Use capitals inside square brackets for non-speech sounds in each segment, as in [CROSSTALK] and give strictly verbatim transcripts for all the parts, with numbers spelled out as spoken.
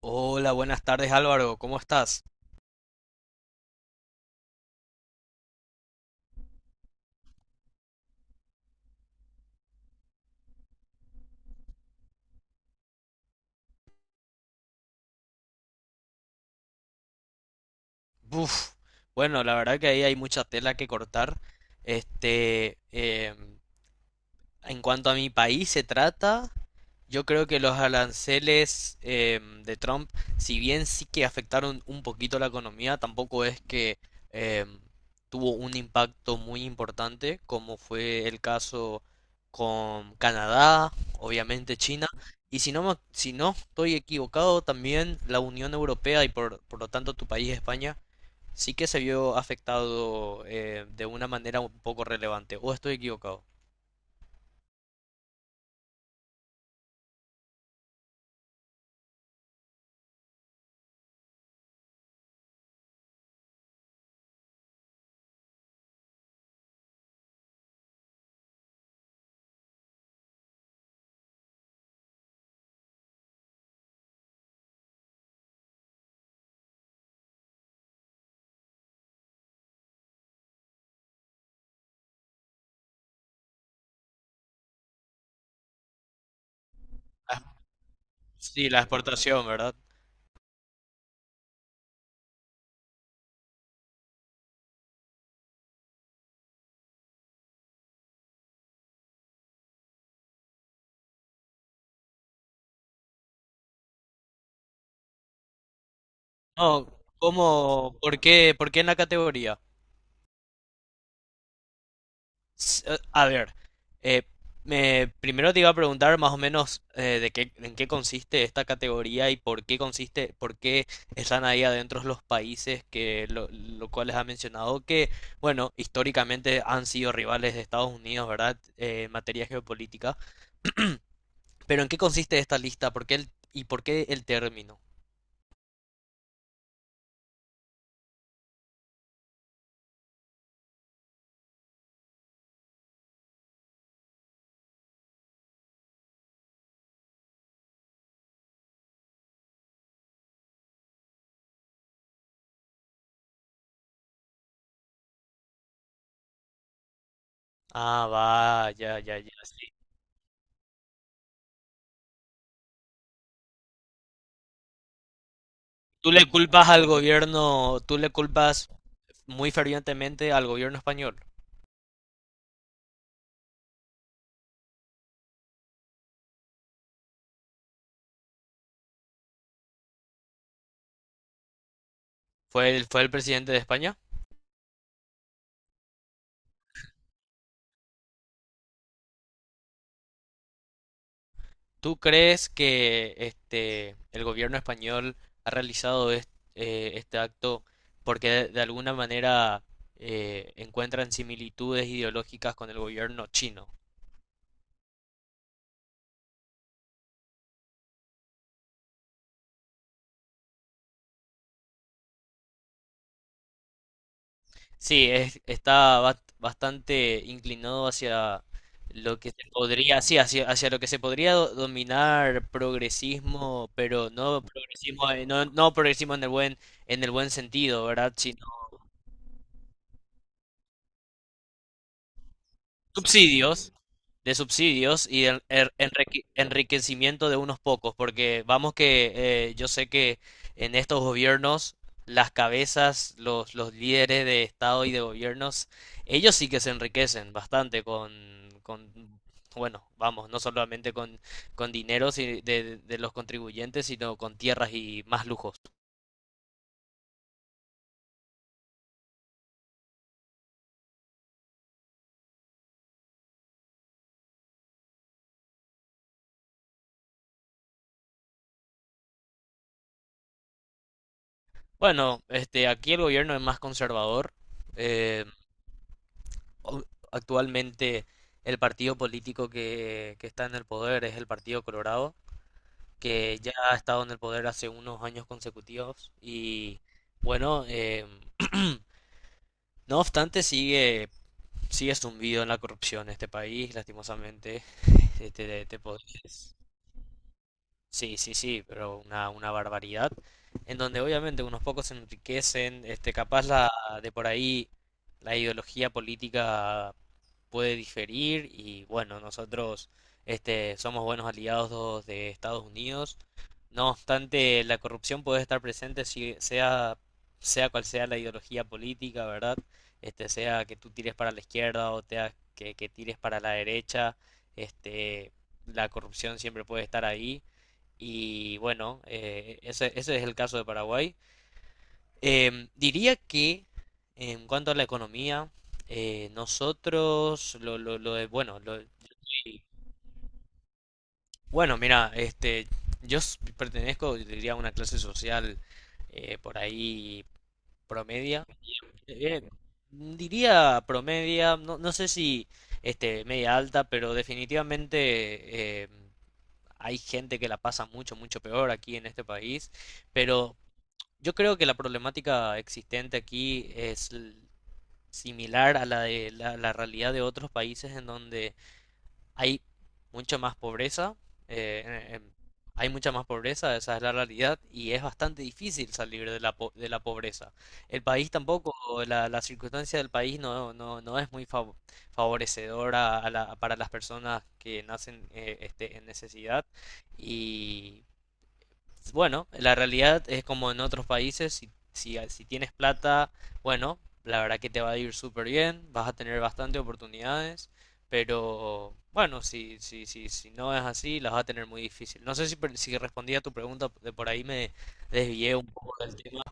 Hola, buenas tardes Álvaro, ¿cómo estás? Buf, bueno, la verdad que ahí hay mucha tela que cortar. Este, em, en cuanto a mi país se trata, yo creo que los aranceles em, de Trump, si bien sí que afectaron un poquito la economía, tampoco es que em, tuvo un impacto muy importante, como fue el caso con Canadá, obviamente China, y si no, me- si no estoy equivocado, también la Unión Europea y por, por lo tanto tu país, España, sí que se vio afectado eh, de una manera un poco relevante. ¿O estoy equivocado? Ah, sí, la exportación, ¿verdad? No, ¿cómo? ¿Por qué? ¿Por qué en la categoría? S- eh, A ver, eh, me- primero te iba a preguntar más o menos eh, de qué, en qué consiste esta categoría y por qué consiste, por qué están ahí adentro los países que lo, lo cual les ha mencionado que, bueno, históricamente han sido rivales de Estados Unidos, ¿verdad? Eh, en materia geopolítica. Pero ¿en qué consiste esta lista? ¿Por qué el, y por qué el término? Ah, va, ya, ya, ya, sí. Tú le culpas al gobierno, tú le culpas muy fervientemente al gobierno español. Fue el, fue el presidente de España. ¿Tú crees que este, el gobierno español ha realizado est- eh, este acto porque de, de alguna manera eh, encuentran similitudes ideológicas con el gobierno chino? Sí, es- está ba- bastante inclinado hacia lo que se podría, sí, hacia, hacia lo que se podría do- dominar progresismo, pero no progresismo, eh, no, no progresismo en el buen, en el buen sentido, ¿verdad? Sino subsidios, de subsidios y de enre- enrique- enriquecimiento de unos pocos, porque vamos que eh, yo sé que en estos gobiernos las cabezas, los, los líderes de Estado y de gobiernos, ellos sí que se enriquecen bastante con, con bueno, vamos, no solamente con, con dinero si- de, de los contribuyentes, sino con tierras y más lujos. Bueno, este, aquí el gobierno es más conservador. eh, o- Actualmente el partido político que, que está en el poder es el Partido Colorado, que ya ha estado en el poder hace unos años consecutivos y bueno, em, no obstante sigue, sigue zumbido en la corrupción este país, lastimosamente. [LAUGHS] Este, te podés- Sí, sí, sí, pero una, una barbaridad. En donde obviamente unos pocos se enriquecen, este, capaz la, de por ahí la ideología política puede diferir y bueno, nosotros este, somos buenos aliados de Estados Unidos. No obstante, la corrupción puede estar presente si sea, sea cual sea la ideología política, ¿verdad? Este, sea que tú tires para la izquierda o sea que, que tires para la derecha, este, la corrupción siempre puede estar ahí. Y bueno, eh, ese, ese es el caso de Paraguay. Em, diría que en cuanto a la economía, eh, nosotros, lo, lo, lo de, bueno, lo, bueno, mira, este, yo s- pertenezco, yo diría, a una clase social eh, por ahí promedia. Eh, diría promedia, no, no sé si este, media alta, pero definitivamente eh, hay gente que la pasa mucho, mucho peor aquí en este país. Pero yo creo que la problemática existente aquí es l- similar a la de la, la realidad de otros países en donde hay mucha más pobreza, eh, en- en- hay mucha más pobreza, esa es la realidad, y es bastante difícil salir de la, po- de la pobreza. El país tampoco, la, la circunstancia del país no, no, no es muy fav- favorecedora a la- para las personas que nacen eh, este, en necesidad, bueno, la realidad es como en otros países, si, si, si tienes plata, bueno, la verdad que te va a ir súper bien, vas a tener bastante oportunidades, pero bueno, si, si, si, si no es así, las vas a tener muy difícil. No sé si, per- si respondí a tu pregunta, de por ahí me desvié un poco del tema.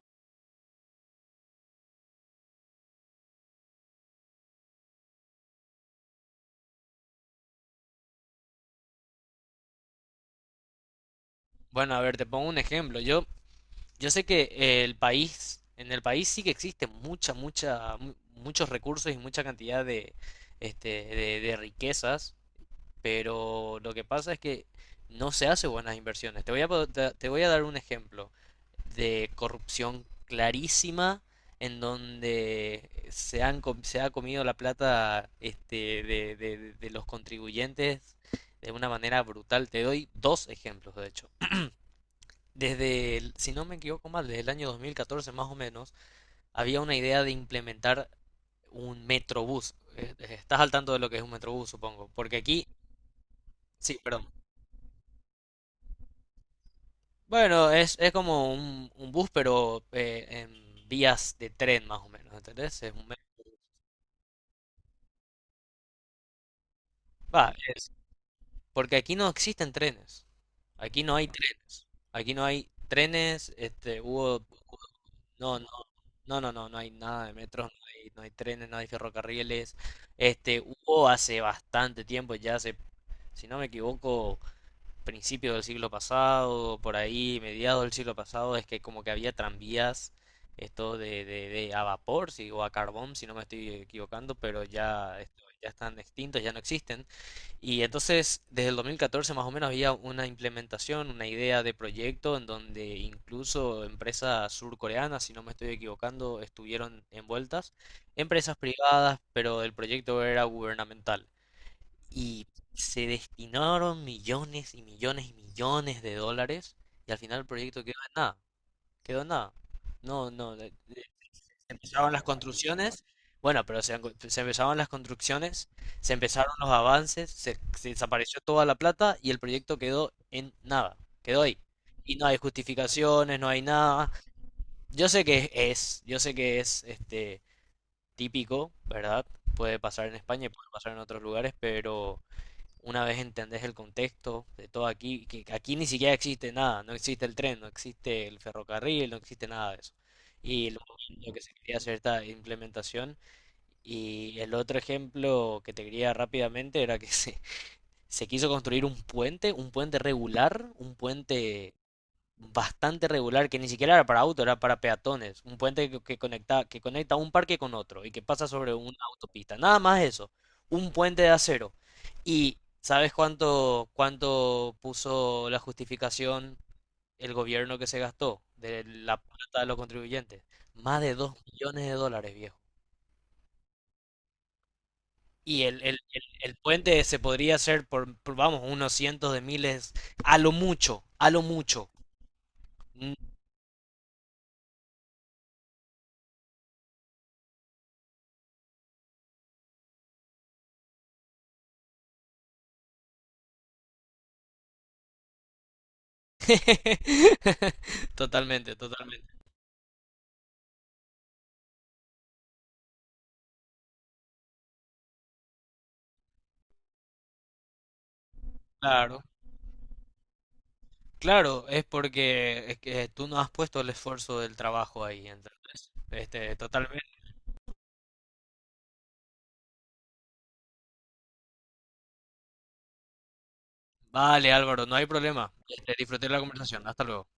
Bueno, a ver, te pongo un ejemplo. Yo, yo sé que eh, el país, en el país sí que existe mucha, mucha, mu- muchos recursos y mucha cantidad de, este, de, de riquezas. Pero lo que pasa es que no se hace buenas inversiones. Te voy a, te voy a dar un ejemplo de corrupción clarísima en donde se han, com- se ha comido la plata este, de, de- de los contribuyentes de una manera brutal. Te doy dos ejemplos, de hecho. Desde, el- si no me equivoco mal, desde el año dos mil catorce más o menos, había una idea de implementar un metrobús. Eh, eh, Estás al tanto de lo que es un metrobús, supongo. Porque aquí, sí, perdón. Bueno, es, es como un, un bus, pero eh, en vías de tren más o menos, ¿entendés? Es un me- Va, es- Porque aquí no existen trenes. Aquí no hay trenes. Aquí no hay trenes, este, hubo, hubo- no, no, no, no, no, no hay nada de metros, no hay, no hay trenes, no hay ferrocarriles. Este, hubo hace bastante tiempo, ya hace, si no me equivoco, principios del siglo pasado, por ahí, mediados del siglo pasado, es que como que había tranvías, esto de, de, de a vapor, si, o a carbón, si no me estoy equivocando, pero ya, esto- ya están extintos, ya no existen. Y entonces, desde el dos mil catorce más o menos había una implementación, una idea de proyecto en donde incluso empresas surcoreanas, si no me estoy equivocando, estuvieron envueltas, empresas privadas, pero el proyecto era gubernamental. Y se destinaron millones y millones y millones de dólares y al final el proyecto quedó en nada, quedó en nada. No, no, de- de- Se empezaron las construcciones, bueno, pero se, han se empezaron las construcciones, se empezaron los avances, se, se desapareció toda la plata y el proyecto quedó en nada, quedó ahí. Y no hay justificaciones, no hay nada. Yo sé que es, yo sé que es este típico, ¿verdad? Puede pasar en España y puede pasar en otros lugares, pero una vez entendés el contexto de todo aquí, que aquí ni siquiera existe nada, no existe el tren, no existe el ferrocarril, no existe nada de eso. Y lo, lo que se quería hacer esta implementación. Y el otro ejemplo que te quería rápidamente era que [LAUGHS] se, se quiso construir un puente, un puente regular, un puente bastante regular, que ni siquiera era para auto, era para peatones, un puente que, que conecta, que conecta un parque con otro y que pasa sobre una autopista, nada más eso, un puente de acero. ¿Y sabes cuánto, cuánto puso la justificación el gobierno que se gastó de la plata de los contribuyentes? Más de dos millones de dólares, viejo. Y el, el, el, el puente se podría hacer por, por, vamos, unos cientos de miles, a lo mucho, a lo mucho. [LAUGHS] Totalmente, totalmente. Claro, claro, es porque es que tú no has puesto el esfuerzo del trabajo ahí, entonces. Este, totalmente. Vale, Álvaro, no hay problema. Este, disfruté la conversación. Hasta luego.